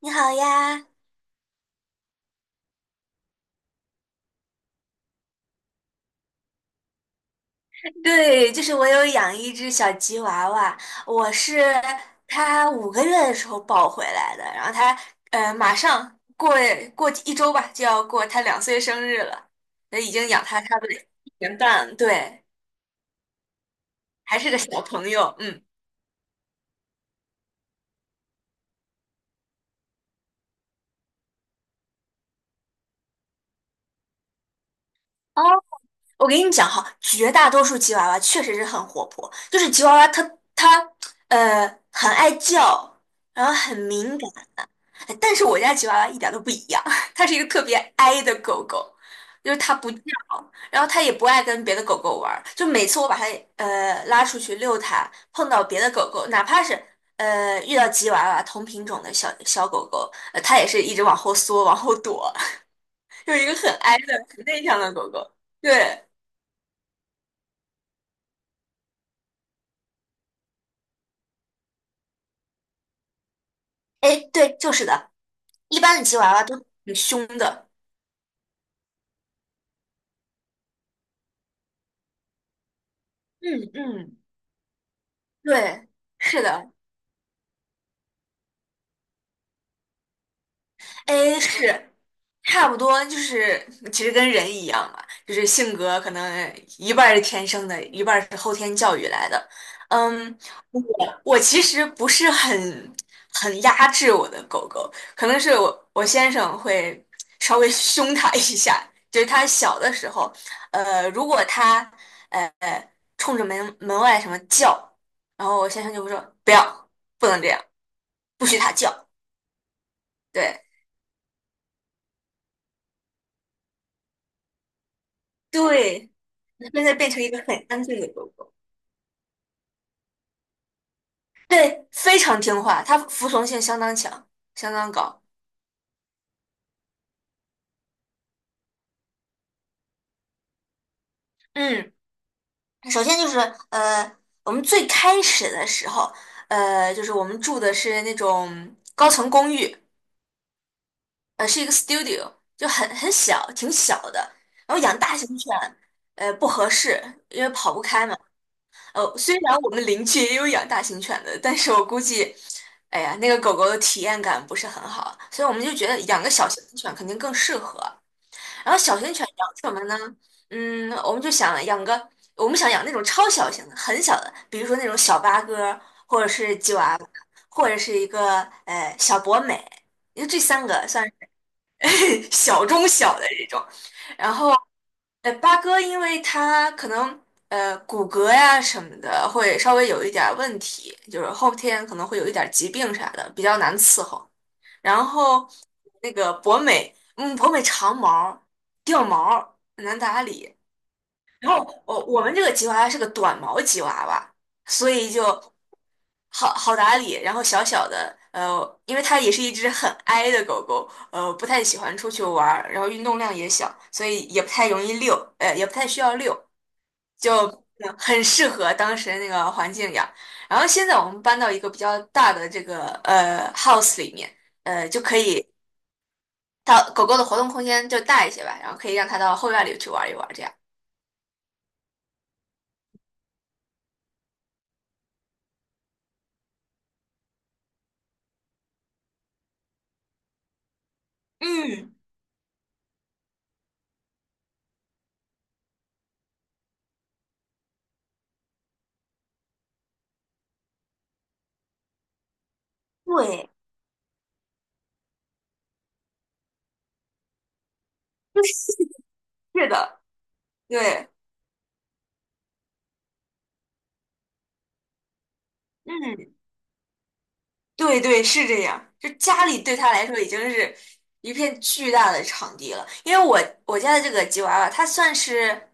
你好呀，对，就是我有养一只小吉娃娃，我是它5个月的时候抱回来的，然后它马上过1周吧就要过它2岁生日了，那已经养它差不多1年半了对，还是个小朋友，嗯。哦，我跟你讲哈，绝大多数吉娃娃确实是很活泼，就是吉娃娃它很爱叫，然后很敏感。但是我家吉娃娃一点都不一样，它是一个特别 i 的狗狗，就是它不叫，然后它也不爱跟别的狗狗玩儿。就每次我把它拉出去遛它，碰到别的狗狗，哪怕是遇到吉娃娃同品种的小小狗狗，它也是一直往后缩、往后躲，就是一个很 i 的、很内向的狗狗。对，哎，对，就是的，一般的吉娃娃都挺凶的。嗯嗯，对，是的，哎，是。差不多就是其实跟人一样嘛，就是性格可能一半儿是天生的，一半儿是后天教育来的。嗯，我其实不是很压制我的狗狗，可能是我先生会稍微 凶它一下，就是它小的时候，如果它呃冲着门外什么叫，然后我先生就会说不要，不能这样，不许它叫。对对，现在变成一个很安静的狗狗。对，非常听话，它服从性相当强，相当高。嗯，首先就是呃，我们最开始的时候，就是我们住的是那种高层公寓，是一个 studio，就很小，挺小的。然后养大型犬，不合适，因为跑不开嘛。虽然我们邻居也有养大型犬的，但是我估计，哎呀，那个狗狗的体验感不是很好，所以我们就觉得养个小型犬肯定更适合。然后小型犬养什么呢？嗯，我们就想养个，我们想养那种超小型的，很小的，比如说那种小八哥，或者是吉娃娃，或者是一个小博美，因为这三个算是 小中小的这种。然后八哥，因为它可能骨骼呀什么的会稍微有一点儿问题，就是后天可能会有一点儿疾病啥的，比较难伺候。然后那个博美，嗯，博美长毛掉毛很难打理。然后我们这个吉娃娃是个短毛吉娃娃，所以就好好打理。然后小小的，因为它也是一只很矮的狗狗，不太喜欢出去玩儿，然后运动量也小，所以也不太容易遛，也不太需要遛，就很适合当时那个环境养。然后现在我们搬到一个比较大的这个house 里面。就可以它狗狗的活动空间就大一些吧，然后可以让它到后院里去玩一玩，这样。嗯，对，是的，对，嗯，对对，是这样。就家里对它来说已经是一片巨大的场地了，因为我家的这个吉娃娃，它算是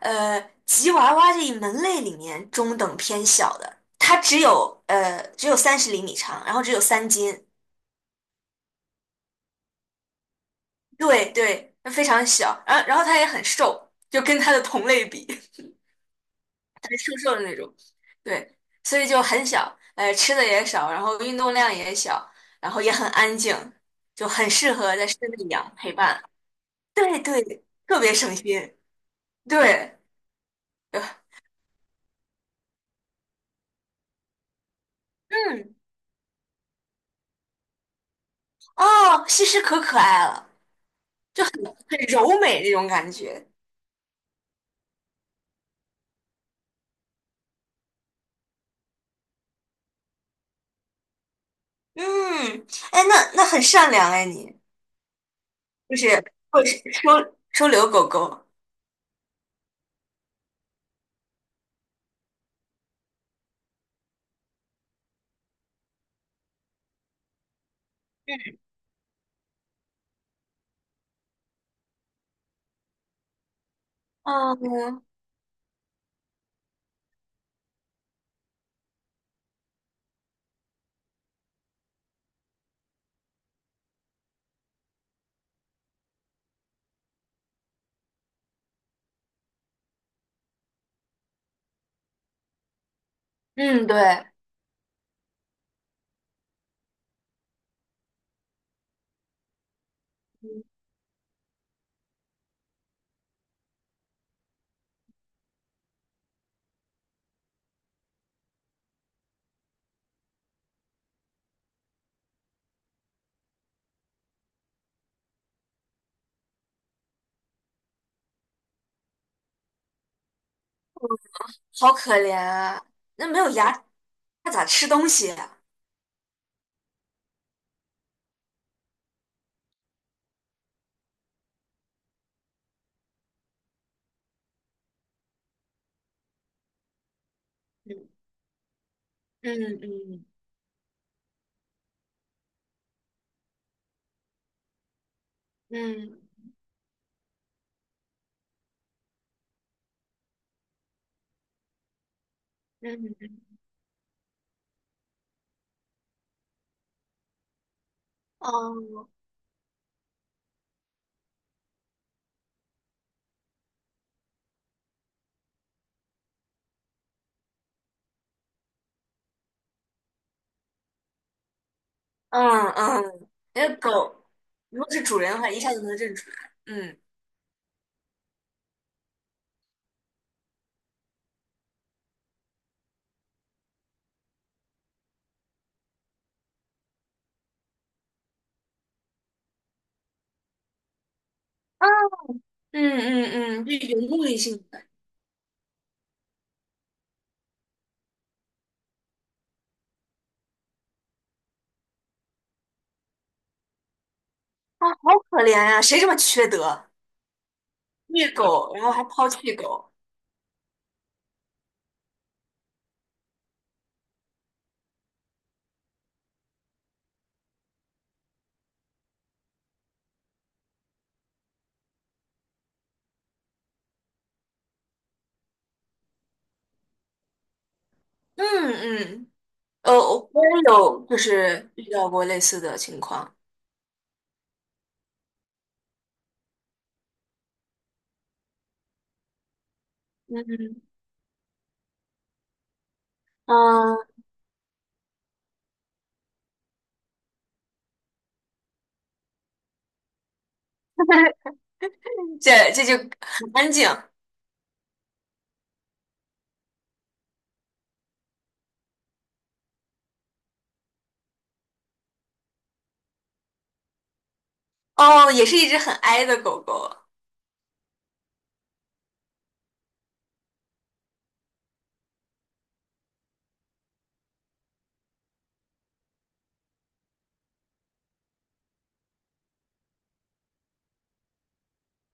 呃吉娃娃这一门类里面中等偏小的，它只有30厘米长，然后只有3斤，对对，它非常小，然后它也很瘦，就跟它的同类比。瘦瘦的那种，对，所以就很小，吃的也少，然后运动量也小，然后也很安静，就很适合在室内养陪伴。对对，特别省心。对，呃嗯，哦，西施可可爱了，很柔美那种感觉。嗯，哎，那很善良哎，你就是会收留狗狗。嗯嗯，对，好可怜啊，那没有牙，它咋吃东西呀？嗯嗯嗯。嗯嗯哦嗯嗯，因为狗如果是主人的话，一下就能认出来。嗯啊，嗯嗯嗯，就有目的性的啊，好可怜呀、谁这么缺德，虐狗，然后还抛弃狗。嗯嗯，我也有就是遇到过类似的情况。嗯嗯，这就很安静哦，也是一只很哀的狗狗。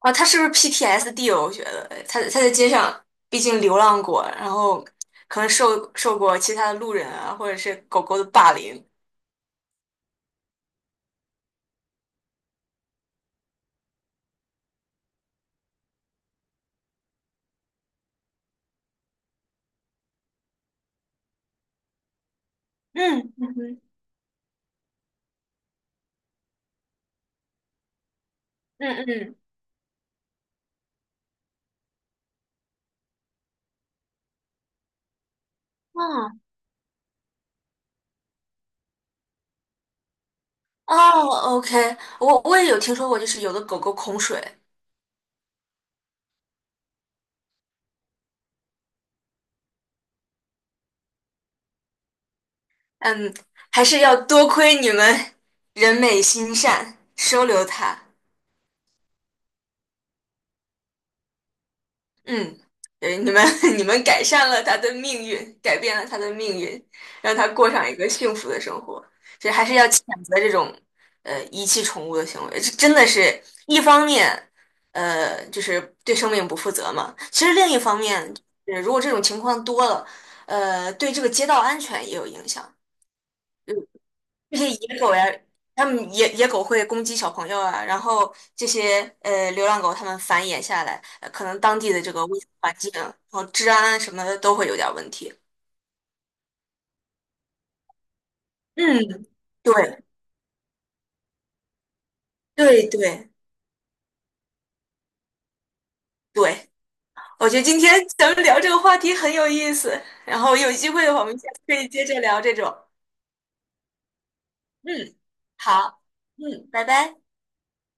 啊，他是不是 PTSD 哦？我觉得他在街上，毕竟流浪过，然后可能受过其他的路人啊，或者是狗狗的霸凌。嗯嗯哼嗯嗯，嗯哦，OK，我也有听说过，就是有的狗狗恐水，嗯，还是要多亏你们人美心善收留它。嗯，对，你们 你们改善了他的命运，改变了他的命运，让他过上一个幸福的生活。所以还是要谴责这种遗弃宠物的行为，这真的是一方面，就是对生命不负责嘛。其实另一方面，如果这种情况多了，对这个街道安全也有影响。这些野狗呀，它们狗会攻击小朋友啊，然后这些流浪狗它们繁衍下来，可能当地的这个卫生环境，然后治安啊什么的都会有点儿问题。嗯，对对对对，我觉得今天咱们聊这个话题很有意思，然后有机会的话我们下次可以接着聊这种。嗯，好，嗯，拜拜。